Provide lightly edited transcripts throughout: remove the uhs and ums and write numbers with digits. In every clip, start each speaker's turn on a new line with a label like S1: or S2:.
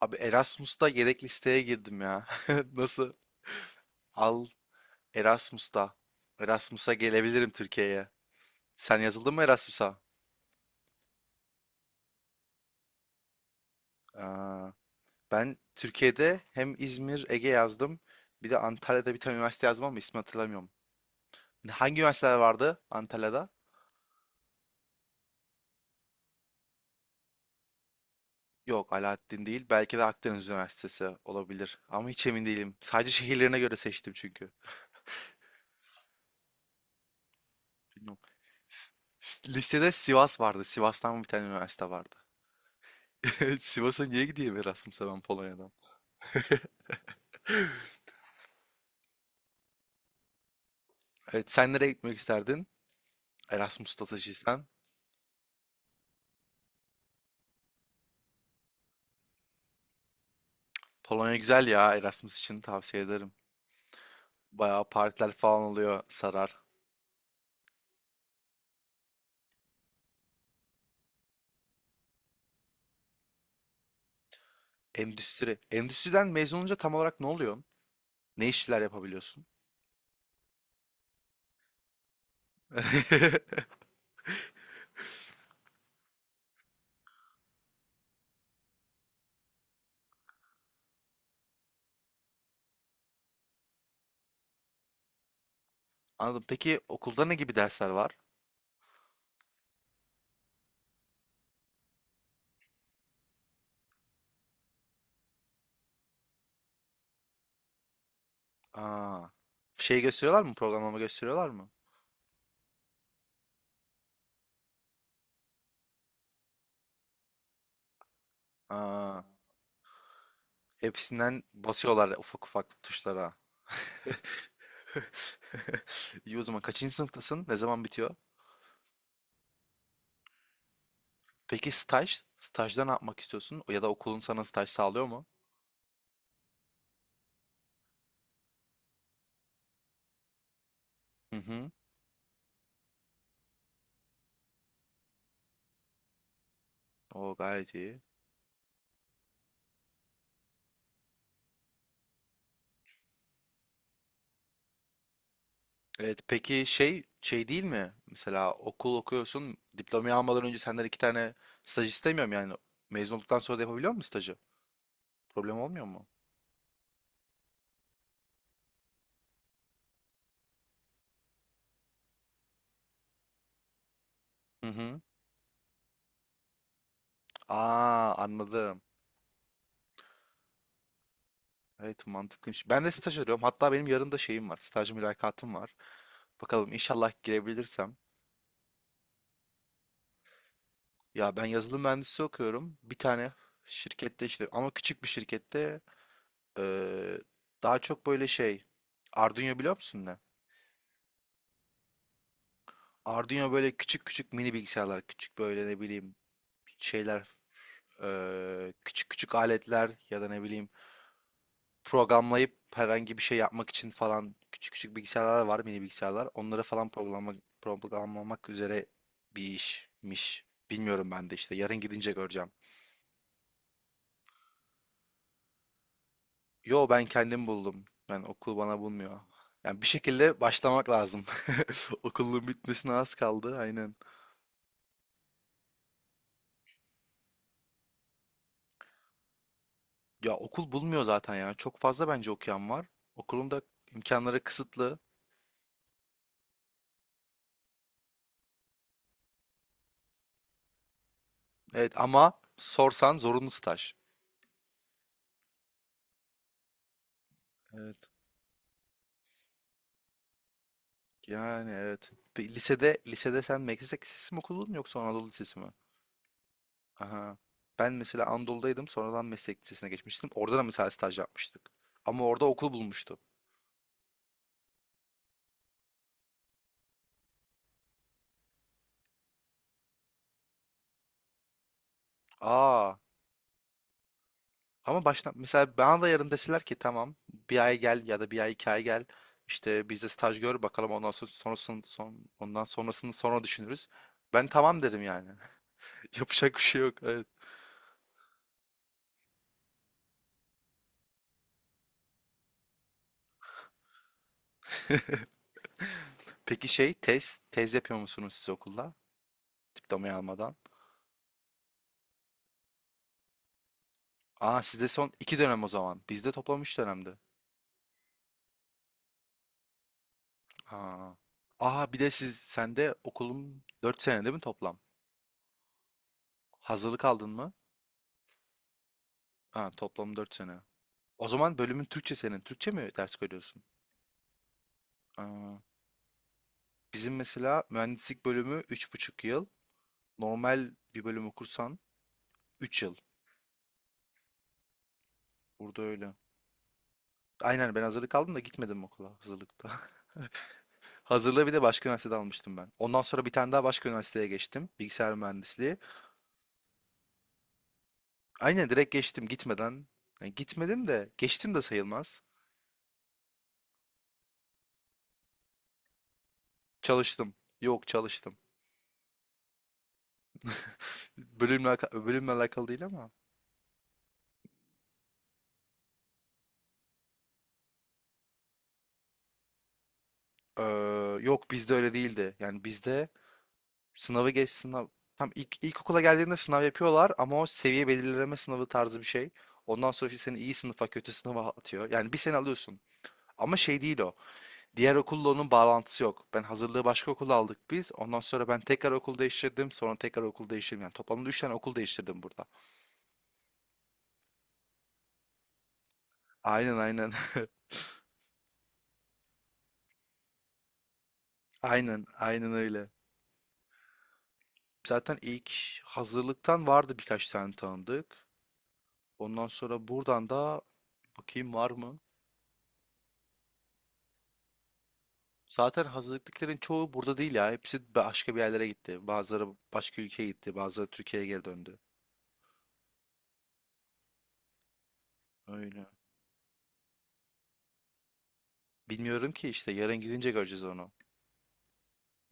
S1: Abi Erasmus'ta yedek listeye girdim ya. Nasıl? Al Erasmus'ta. Erasmus'a gelebilirim Türkiye'ye. Sen yazıldın mı Erasmus'a? Aa, ben Türkiye'de hem İzmir, Ege yazdım. Bir de Antalya'da bir tane üniversite yazdım ama ismini hatırlamıyorum. Hangi üniversiteler vardı Antalya'da? Yok, Alaaddin değil. Belki de Akdeniz Üniversitesi olabilir. Ama hiç emin değilim. Sadece şehirlerine göre seçtim çünkü. Bilmiyorum. S- Listede Sivas vardı. Sivas'tan bir tane üniversite vardı. Evet, Sivas'a niye gideyim Erasmus'a ben Polonya'dan? Evet, sen nereye gitmek isterdin? Erasmus stajyersen. Polonya güzel ya, Erasmus için tavsiye ederim. Bayağı partiler falan oluyor, sarar. Endüstri. Endüstriden mezun olunca tam olarak ne oluyorsun? Ne işler yapabiliyorsun? Anladım. Peki okulda ne gibi dersler var? Aa, şey gösteriyorlar mı? Programlama gösteriyorlar mı? Aa, hepsinden basıyorlar ufak ufak tuşlara. İyi, o zaman kaçıncı sınıftasın? Ne zaman bitiyor? Peki staj? Stajda ne yapmak istiyorsun? Ya da okulun sana staj sağlıyor mu? Hı hı. O gayet iyi. Evet, peki şey değil mi? Mesela okul okuyorsun, diplomayı almadan önce senden iki tane staj istemiyorum yani. Mezun olduktan sonra da yapabiliyor musun stajı? Problem olmuyor mu? Hı hı. Aa, anladım. Evet, mantıklıymış. Ben de staj arıyorum. Hatta benim yarın da şeyim var. Staj mülakatım var. Bakalım, inşallah girebilirsem. Ya ben yazılım mühendisliği okuyorum. Bir tane şirkette işte, ama küçük bir şirkette. Ee, Daha çok böyle şey, Arduino biliyor musun ne? Arduino böyle küçük küçük mini bilgisayarlar, küçük böyle ne bileyim şeyler, küçük küçük aletler ya da ne bileyim programlayıp herhangi bir şey yapmak için falan küçük küçük bilgisayarlar var, mini bilgisayarlar. Onları falan programla, programlamak üzere bir işmiş. Bilmiyorum, ben de işte yarın gidince göreceğim. Yo, ben kendim buldum. Ben, okul bana bulmuyor. Yani bir şekilde başlamak lazım. Okulun bitmesine az kaldı. Aynen. Ya okul bulmuyor zaten ya. Çok fazla bence okuyan var. Okulun da imkanları kısıtlı. Evet, ama sorsan zorunlu staj. Evet. Yani evet. Bir Lisede lisede sen meslek lisesi mi okudun yoksa Anadolu Lisesi mi? Aha. Ben mesela Anadolu'daydım. Sonradan meslek lisesine geçmiştim. Orada da mesela staj yapmıştık. Ama orada okul bulmuştu. Aa. Ama baştan mesela bana da yarın deseler ki tamam, bir ay gel ya da bir ay iki ay gel, işte bizde staj gör bakalım, ondan sonra sonrasını ondan sonrasını sonra düşünürüz. Ben tamam derim yani. Yapacak bir şey yok. Evet. Peki şey, tez tez yapıyor musunuz siz okulda? Diplomayı almadan. Aa, sizde son iki dönem o zaman. Bizde toplam üç dönemdi. Aa. Aa, bir de siz sende okulun dört sene değil mi toplam? Hazırlık aldın mı? Ha, toplam dört sene. O zaman bölümün Türkçe senin. Türkçe mi ders koyuyorsun? Aa. Bizim mesela mühendislik bölümü üç buçuk yıl. Normal bir bölüm okursan 3 yıl. Burada öyle. Aynen, ben hazırlık aldım da gitmedim okula hazırlıkta. Hazırlığı bir de başka üniversitede almıştım ben. Ondan sonra bir tane daha başka üniversiteye geçtim. Bilgisayar mühendisliği. Aynen, direkt geçtim gitmeden. Yani gitmedim de geçtim de sayılmaz. Çalıştım. Yok, çalıştım. Bölümle alakalı değil ama. Ee, Yok, bizde öyle değildi. Yani bizde sınavı geç sınav. Tam ilk ilkokula geldiğinde sınav yapıyorlar ama o seviye belirleme sınavı tarzı bir şey. Ondan sonra işte seni iyi sınıfa kötü sınıfa atıyor. Yani bir sene alıyorsun. Ama şey değil o. Diğer okulla onun bağlantısı yok. Ben hazırlığı başka okulda aldık biz. Ondan sonra ben tekrar okul değiştirdim. Sonra tekrar okul değiştirdim. Yani toplamda üç tane okul değiştirdim burada. Aynen, aynen. Aynen, aynen, öyle. Zaten ilk hazırlıktan vardı birkaç tane tanıdık. Ondan sonra buradan da bakayım var mı? Zaten hazırlıkların çoğu burada değil ya. Hepsi başka bir yerlere gitti. Bazıları başka ülkeye gitti. Bazıları Türkiye'ye geri döndü. Öyle. Bilmiyorum ki, işte yarın gidince göreceğiz onu.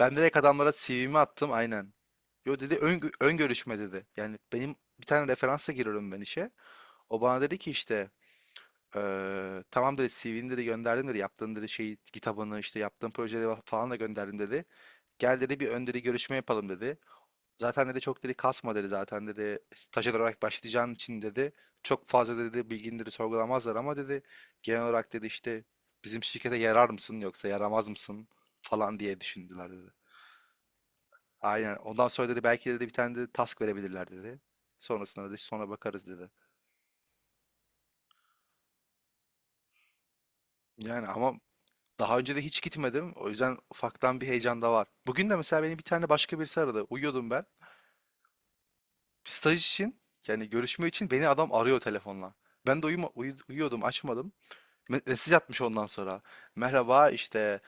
S1: Ben direkt adamlara CV'mi attım aynen. Yo, dedi, ön görüşme dedi. Yani benim bir tane referansa giriyorum ben işe. O bana dedi ki işte tamam dedi, CV'ni dedi gönderdim dedi. Yaptığın dedi şey kitabını, işte yaptığın projeleri falan da gönderdim dedi. Gel dedi, bir ön dedi görüşme yapalım dedi. Zaten dedi çok dedi kasma dedi, zaten dedi stajyer olarak başlayacağın için dedi çok fazla dedi bilgini dedi sorgulamazlar ama dedi genel olarak dedi işte bizim şirkete yarar mısın yoksa yaramaz mısın falan diye düşündüler dedi. Aynen, ondan sonra dedi belki dedi bir tane de task verebilirler dedi. Sonrasında dedi sonra bakarız dedi. Yani ama daha önce de hiç gitmedim, o yüzden ufaktan bir heyecan da var. Bugün de mesela beni bir tane başka birisi aradı, uyuyordum ben. Staj için, yani görüşme için beni adam arıyor telefonla. Ben de uyuyordum, açmadım. Mesaj atmış ondan sonra. Merhaba işte,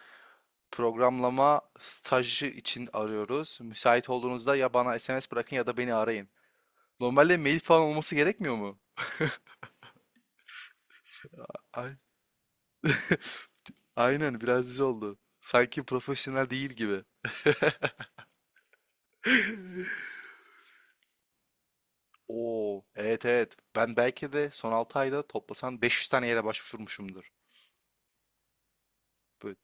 S1: programlama stajı için arıyoruz. Müsait olduğunuzda ya bana SMS bırakın ya da beni arayın. Normalde mail falan olması gerekmiyor mu? Ay- aynen, biraz düz oldu. Sanki profesyonel değil gibi. Oo, evet, evet. Ben belki de son 6 ayda toplasan 500 tane yere başvurmuşumdur. Böyle,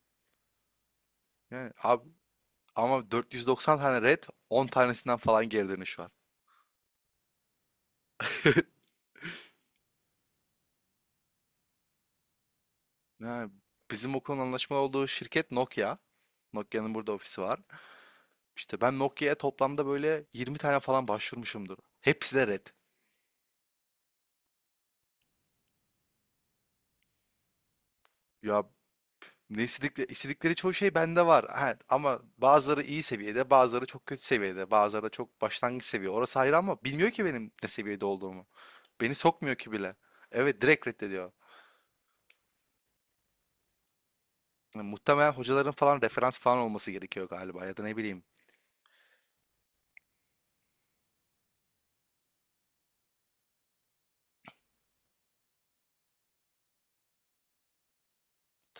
S1: yani abi, ama 490 tane red, 10 tanesinden falan geri dönüş var. Ha, bizim okulun anlaşmalı olduğu şirket Nokia. Nokia'nın burada ofisi var. İşte ben Nokia'ya toplamda böyle 20 tane falan başvurmuşumdur. Hepsi de red. Ya ne istedikleri, istedikleri çoğu şey bende var. Ha, ama bazıları iyi seviyede, bazıları çok kötü seviyede, bazıları da çok başlangıç seviye. Orası ayrı, ama bilmiyor ki benim ne seviyede olduğumu. Beni sokmuyor ki bile. Evet, direkt reddediyor. Yani muhtemelen hocaların falan referans falan olması gerekiyor galiba ya da ne bileyim.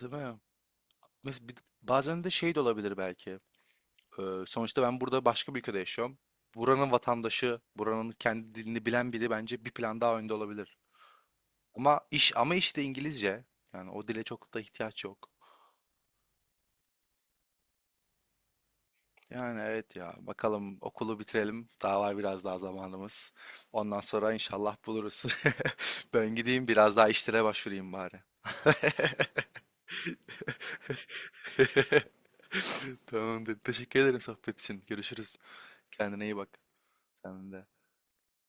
S1: Değil mi? Mes- bir- Bazen de şey de olabilir belki. Sonuçta ben burada başka bir ülkede yaşıyorum. Buranın vatandaşı, buranın kendi dilini bilen biri bence bir plan daha önde olabilir. Ama işte İngilizce. Yani o dile çok da ihtiyaç yok. Yani evet ya, bakalım okulu bitirelim. Daha var biraz daha zamanımız. Ondan sonra inşallah buluruz. Ben gideyim biraz daha işlere başvurayım bari. Tamamdır. Teşekkür ederim sohbet için. Görüşürüz. Kendine iyi bak. Sen de.